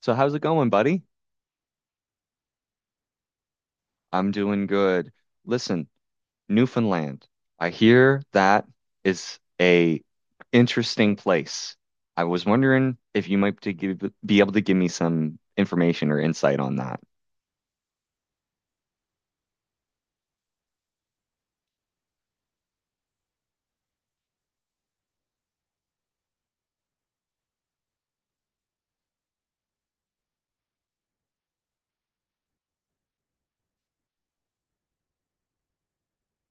So how's it going, buddy? I'm doing good. Listen, Newfoundland. I hear that is a interesting place. I was wondering if you be able to give me some information or insight on that.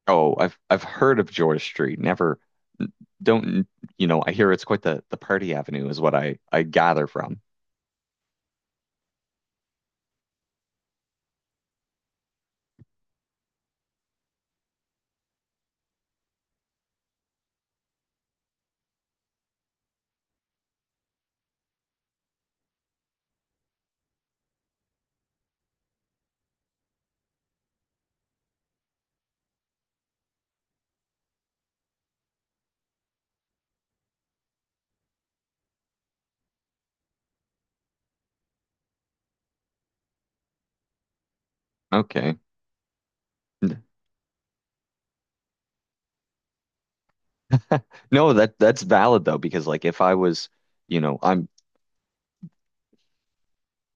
Oh, I've heard of George Street. Never don't you know, I hear it's quite the party avenue is what I gather from. Okay. N- No, that's valid though, because like if I was, you know, I'm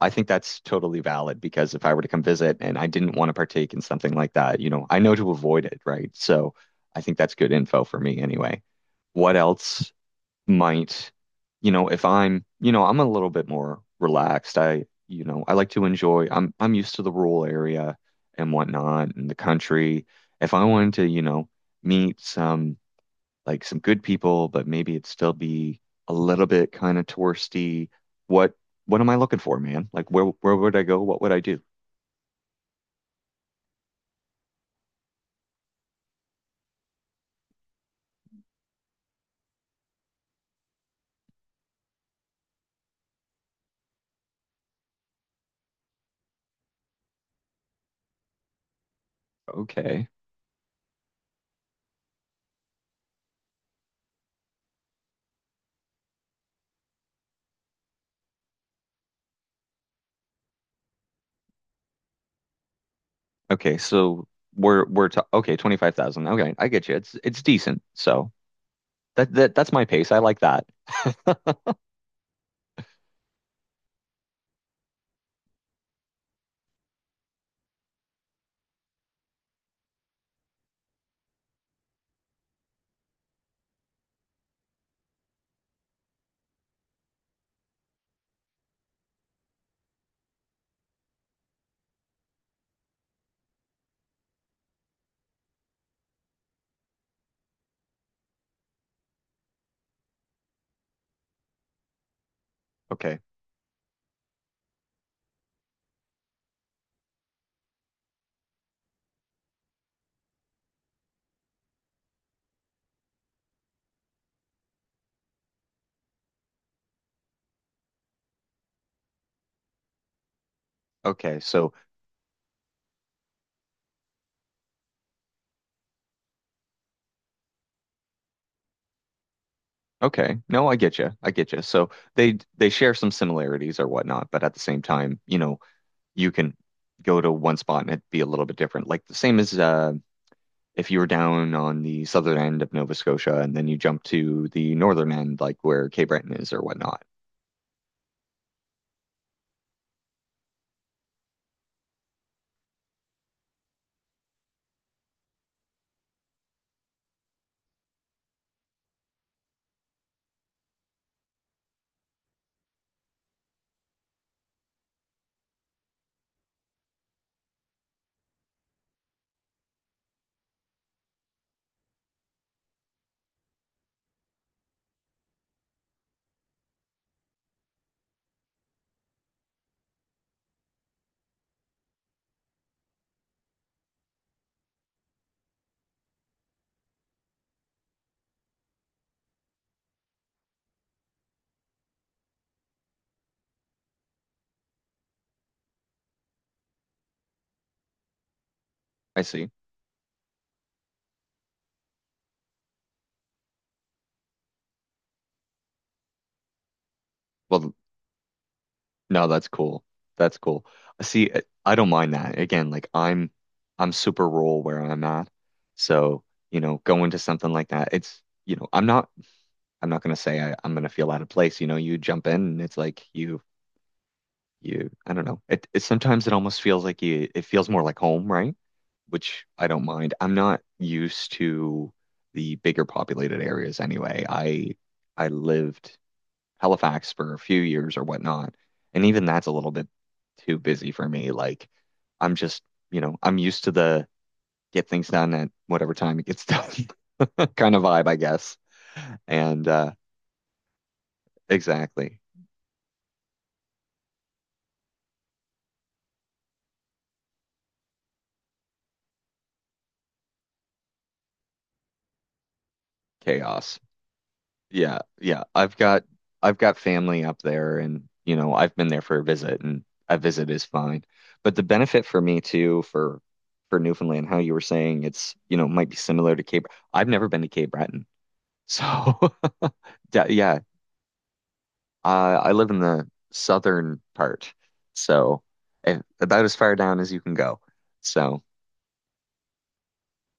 I think that's totally valid because if I were to come visit and I didn't want to partake in something like that, you know, I know to avoid it, right? So I think that's good info for me anyway. What else might, you know, if I'm, you know, I'm a little bit more relaxed. I like to enjoy. I'm used to the rural area and whatnot and the country. If I wanted to, you know, meet some like some good people, but maybe it'd still be a little bit kind of touristy. What what am I looking for, man? Like where would I go? What would I do? Okay. Okay, so we're ta okay, 25,000. Okay, I get you. It's decent. So that's my pace. I like that. Okay. Okay. So Okay. No, I get you. I get you. So they share some similarities or whatnot, but at the same time, you know, you can go to one spot and it'd be a little bit different. Like the same as if you were down on the southern end of Nova Scotia and then you jump to the northern end, like where Cape Breton is or whatnot. I see. Well, no, that's cool. That's cool. See, I don't mind that. Again, I'm super rural where I'm at, so you know, going to something like that, it's you know, I'm not. I'm not gonna say I'm gonna feel out of place. You know, you jump in and it's like you I don't know. It sometimes it almost feels like you it feels more like home, right? Which I don't mind. I'm not used to the bigger populated areas anyway. I lived Halifax for a few years or whatnot, and even that's a little bit too busy for me. Like I'm just, you know, I'm used to the get things done at whatever time it gets done kind of vibe, I guess. And exactly. Chaos. Yeah, yeah. I've got family up there and you know, I've been there for a visit and a visit is fine. But the benefit for me too for Newfoundland, how you were saying it's, you know, might be similar to Cape. I've never been to Cape Breton. So yeah, uh, I live in the southern part. So eh, about as far down as you can go. So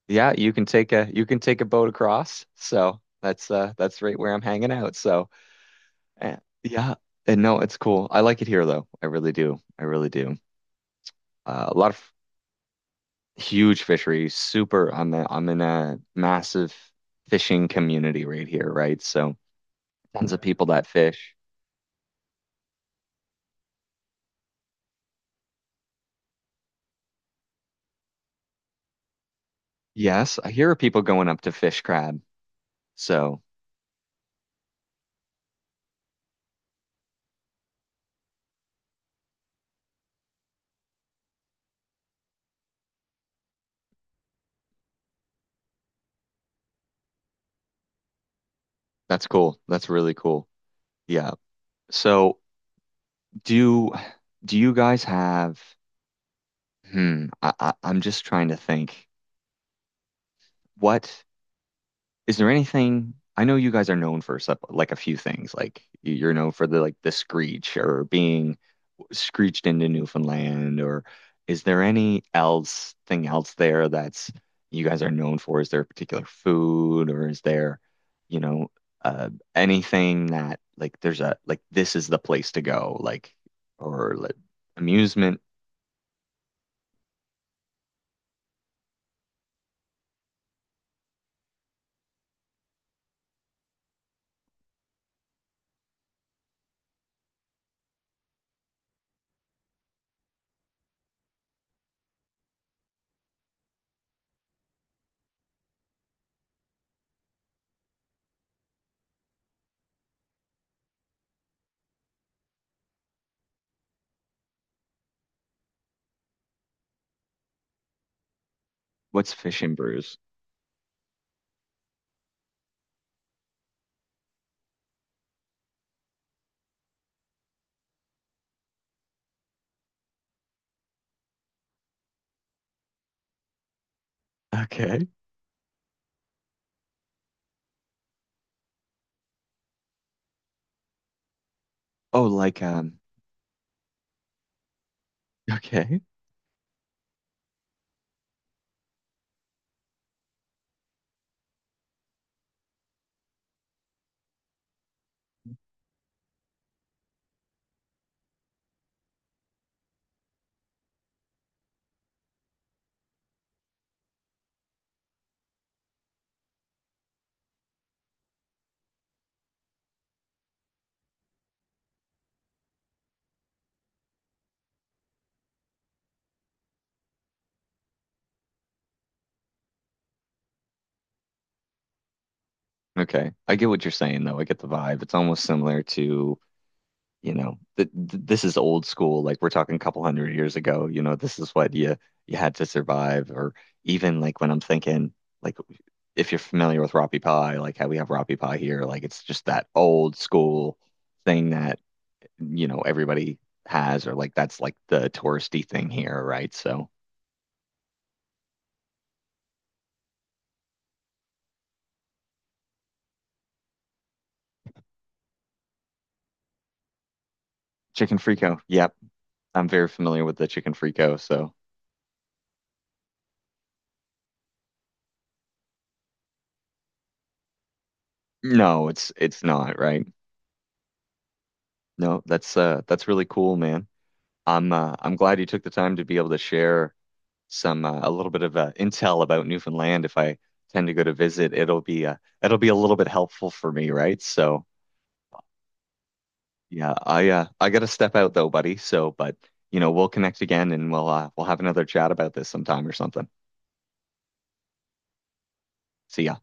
yeah, you can take a boat across. So that's right where I'm hanging out. So eh, yeah, and no, it's cool. I like it here though. I really do. I really do. A lot of huge fisheries. Super. I'm in a massive fishing community right here, right? So tons of people that fish. Yes, I hear of people going up to fish crab. So that's cool. That's really cool. Yeah. So do do you guys have? Hmm. I'm just trying to think. What? Is there anything I know you guys are known for like a few things like you're known for the like the screech or being screeched into Newfoundland or is there any else thing else there that's you guys are known for? Is there a particular food or is there, you know, anything that like there's a like this is the place to go like or like amusement? What's Fish and Brews? Okay. Oh, like. Okay. Okay. I get what you're saying though. I get the vibe. It's almost similar to, you know, th th this is old school. Like we're talking a couple 100 years ago, you know, this is what you had to survive. Or even like when I'm thinking, like if you're familiar with Roppie Pie, like how we have Roppie Pie here, like it's just that old school thing that, you know, everybody has, or like that's like the touristy thing here, right? So chicken frico. Yep. I'm very familiar with the chicken frico. So no, it's not, right? No, that's really cool, man. I'm glad you took the time to be able to share some a little bit of intel about Newfoundland. If I tend to go to visit, it'll be a little bit helpful for me, right? So yeah, I gotta step out though, buddy. So, but you know, we'll connect again and we'll have another chat about this sometime or something. See ya.